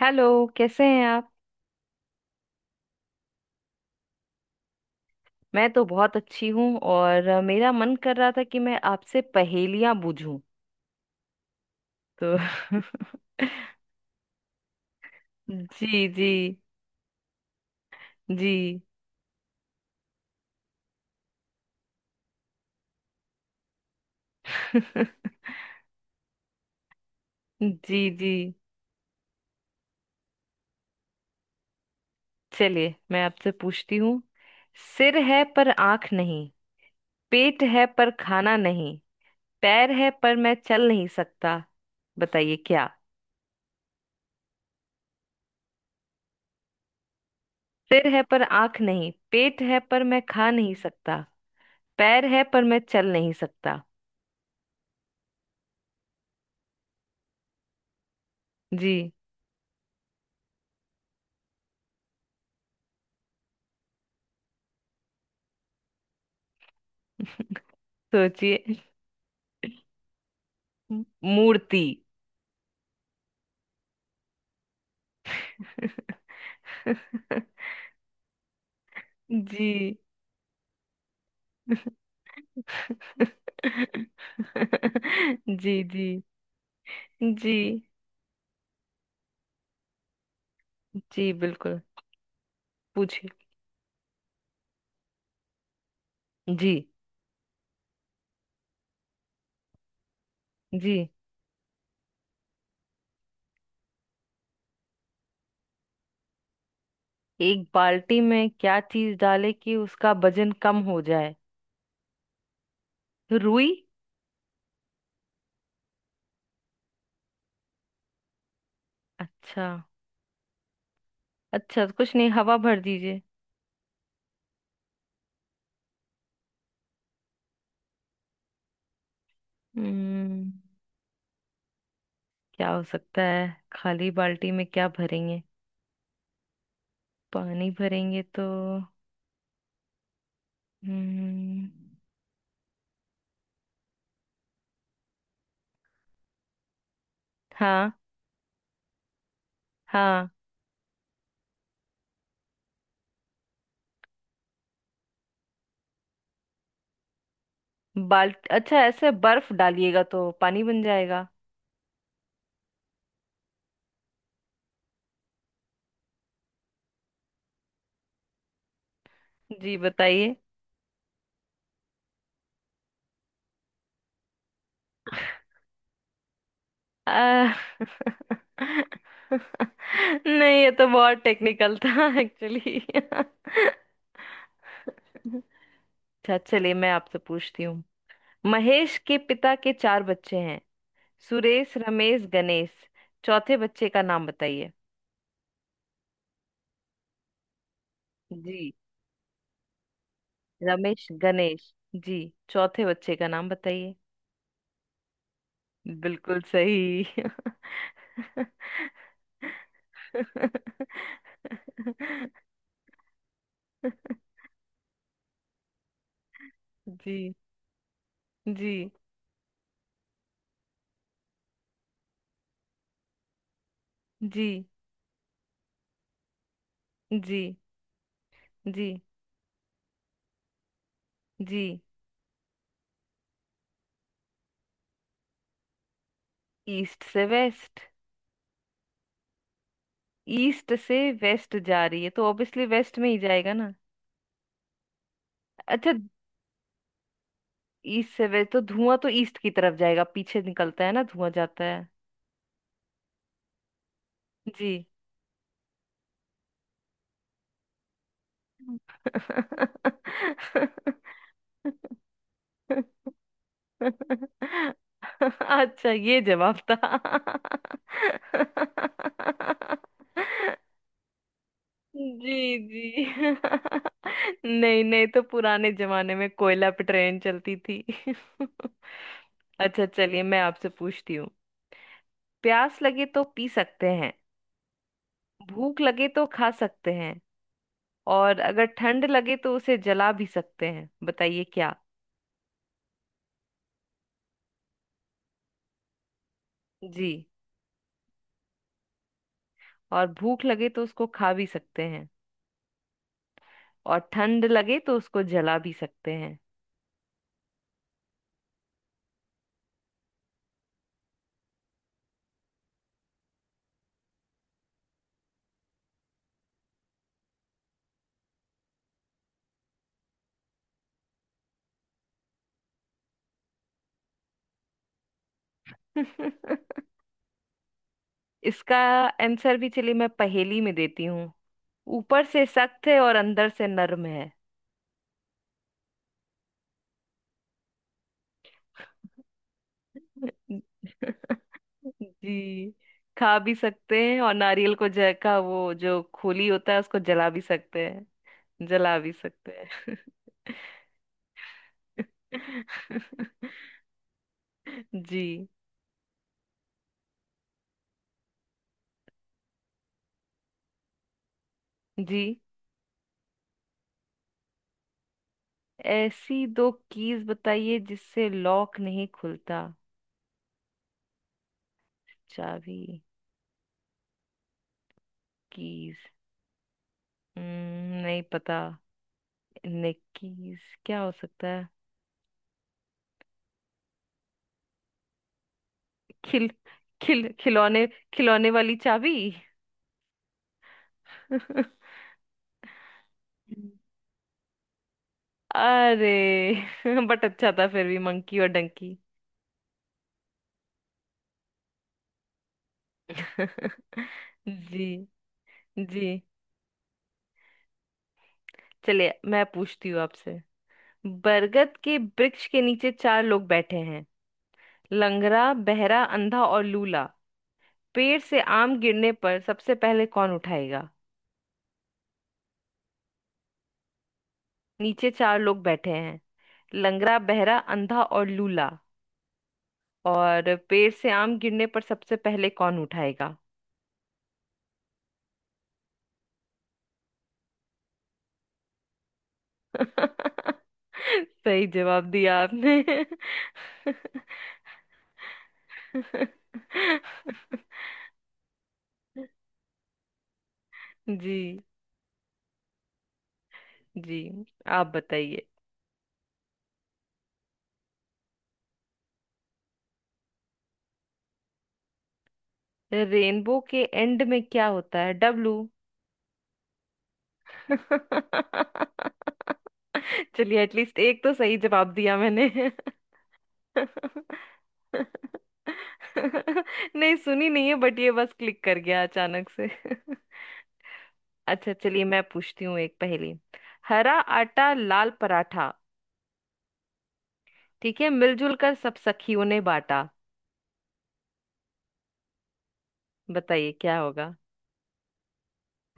Hello. कैसे हैं आप? मैं तो बहुत अच्छी हूँ और मेरा मन कर रहा था कि मैं आपसे पहेलियां बूझूं। तो जी, जी। जी। जी, जी। चलिए, मैं आपसे पूछती हूँ। सिर है पर आंख नहीं। पेट है पर खाना नहीं। पैर है पर मैं चल नहीं सकता। बताइए क्या? सिर है पर आंख नहीं। पेट है पर मैं खा नहीं सकता। पैर है पर मैं चल नहीं सकता। जी। सोचिए। मूर्ति। जी। जी, जी, जी, जी। बिल्कुल, पूछिए। जी, जी। एक बाल्टी में क्या चीज डाले कि उसका वजन कम हो जाए? रुई। अच्छा, अच्छा। तो कुछ नहीं, हवा भर दीजिए। हम्म। क्या हो सकता है? खाली बाल्टी में क्या भरेंगे? पानी भरेंगे तो। हम्म। हाँ, हाँ। बाल्ट अच्छा, ऐसे बर्फ डालिएगा तो पानी बन जाएगा। जी, बताइए। आ, नहीं, ये तो बहुत टेक्निकल था एक्चुअली। अच्छा, चलिए, मैं आपसे पूछती हूँ। महेश के पिता के चार बच्चे हैं। सुरेश, रमेश, गणेश। चौथे बच्चे का नाम बताइए। जी। रमेश, गणेश। जी। चौथे बच्चे का नाम बताइए। बिल्कुल सही। जी, जी, जी, जी, जी, जी। ईस्ट से वेस्ट। ईस्ट से वेस्ट जा रही है तो ऑब्वियसली वेस्ट में ही जाएगा ना। अच्छा। ईस्ट से वेस्ट तो धुआं तो ईस्ट की तरफ जाएगा। पीछे निकलता है ना, धुआं जाता है। जी। अच्छा, ये जवाब था। जी, जी। नहीं, नहीं तो पुराने जमाने में कोयला पे ट्रेन चलती थी। अच्छा, चलिए, मैं आपसे पूछती हूँ। प्यास लगे तो पी सकते हैं। भूख लगे तो खा सकते हैं। और अगर ठंड लगे तो उसे जला भी सकते हैं। बताइए क्या? जी, और भूख लगे तो उसको खा भी सकते हैं। और ठंड लगे तो उसको जला भी सकते हैं। इसका आंसर भी, चलिए मैं पहेली में देती हूँ। ऊपर से सख्त है और अंदर से नर्म है। जी, खा भी सकते हैं। और नारियल को जल का वो जो खोली होता है उसको जला भी सकते हैं। जला भी सकते हैं। जी, जी। ऐसी दो कीज बताइए जिससे लॉक नहीं खुलता? चाबी? कीज? नहीं पता। नहीं, कीज। क्या हो सकता है? खिल खिल खिलौने खिलौने वाली चाबी। हम्म। अरे, बट अच्छा था फिर भी, मंकी और डंकी। जी, जी। चलिए, मैं पूछती हूँ आपसे। बरगद के वृक्ष के नीचे चार लोग बैठे हैं। लंगड़ा, बहरा, अंधा और लूला। पेड़ से आम गिरने पर सबसे पहले कौन उठाएगा? नीचे चार लोग बैठे हैं। लंगड़ा, बहरा, अंधा और लूला। और पेड़ से आम गिरने पर सबसे पहले कौन उठाएगा? सही जवाब दिया आपने। जी, जी। आप बताइए। रेनबो के एंड में क्या होता है? डब्लू। चलिए, एटलीस्ट एक तो सही जवाब दिया मैंने। नहीं, सुनी नहीं है, बट ये बस क्लिक कर गया अचानक से। अच्छा, चलिए, मैं पूछती हूँ एक पहेली। हरा आटा, लाल पराठा। ठीक है, मिलजुल कर सब सखियों ने बांटा। बताइए क्या होगा?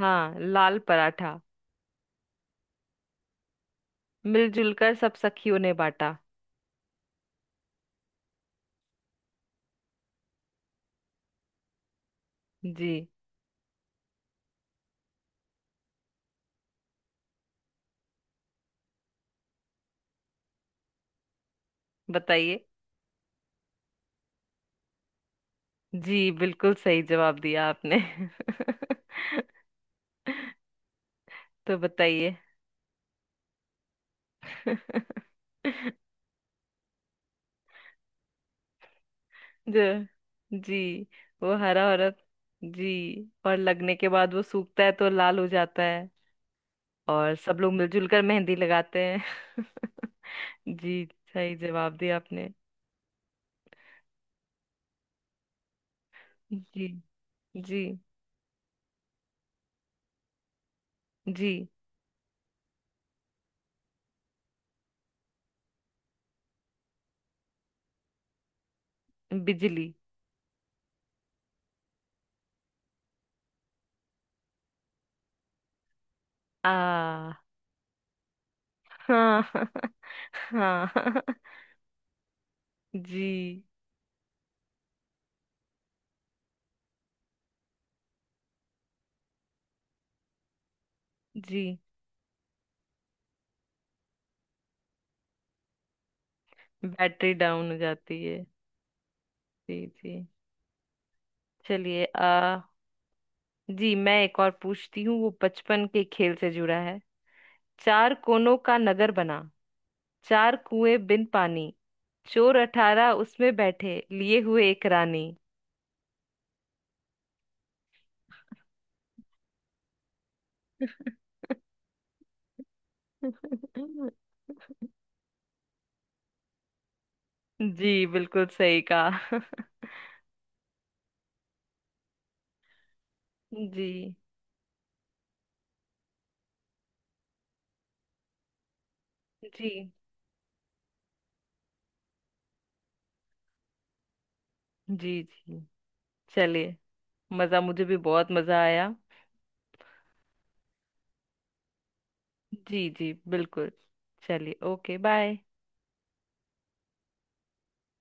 हाँ, लाल पराठा। मिलजुल कर सब सखियों ने बांटा। जी, बताइए। जी, बिल्कुल सही जवाब दिया आपने। तो बताइए। जो। जी। वो हरा, हरा। जी। और लगने के बाद वो सूखता है तो लाल हो जाता है। और सब लोग मिलजुल कर मेहंदी लगाते हैं। जी। सही जवाब दिया आपने। जी, जी, जी। बिजली। आ हाँ। हाँ। जी, जी। बैटरी डाउन हो जाती है। जी, जी, चलिए। आ जी, मैं एक और पूछती हूँ, वो बचपन के खेल से जुड़ा है। चार कोनों का नगर बना। चार कुएं बिन पानी। चोर 18 उसमें बैठे, लिए हुए एक रानी। जी, बिल्कुल सही कहा। जी, जी, जी, जी। चलिए, मज़ा, मुझे भी बहुत मज़ा आया। जी, जी, बिल्कुल। चलिए, ओके, बाय।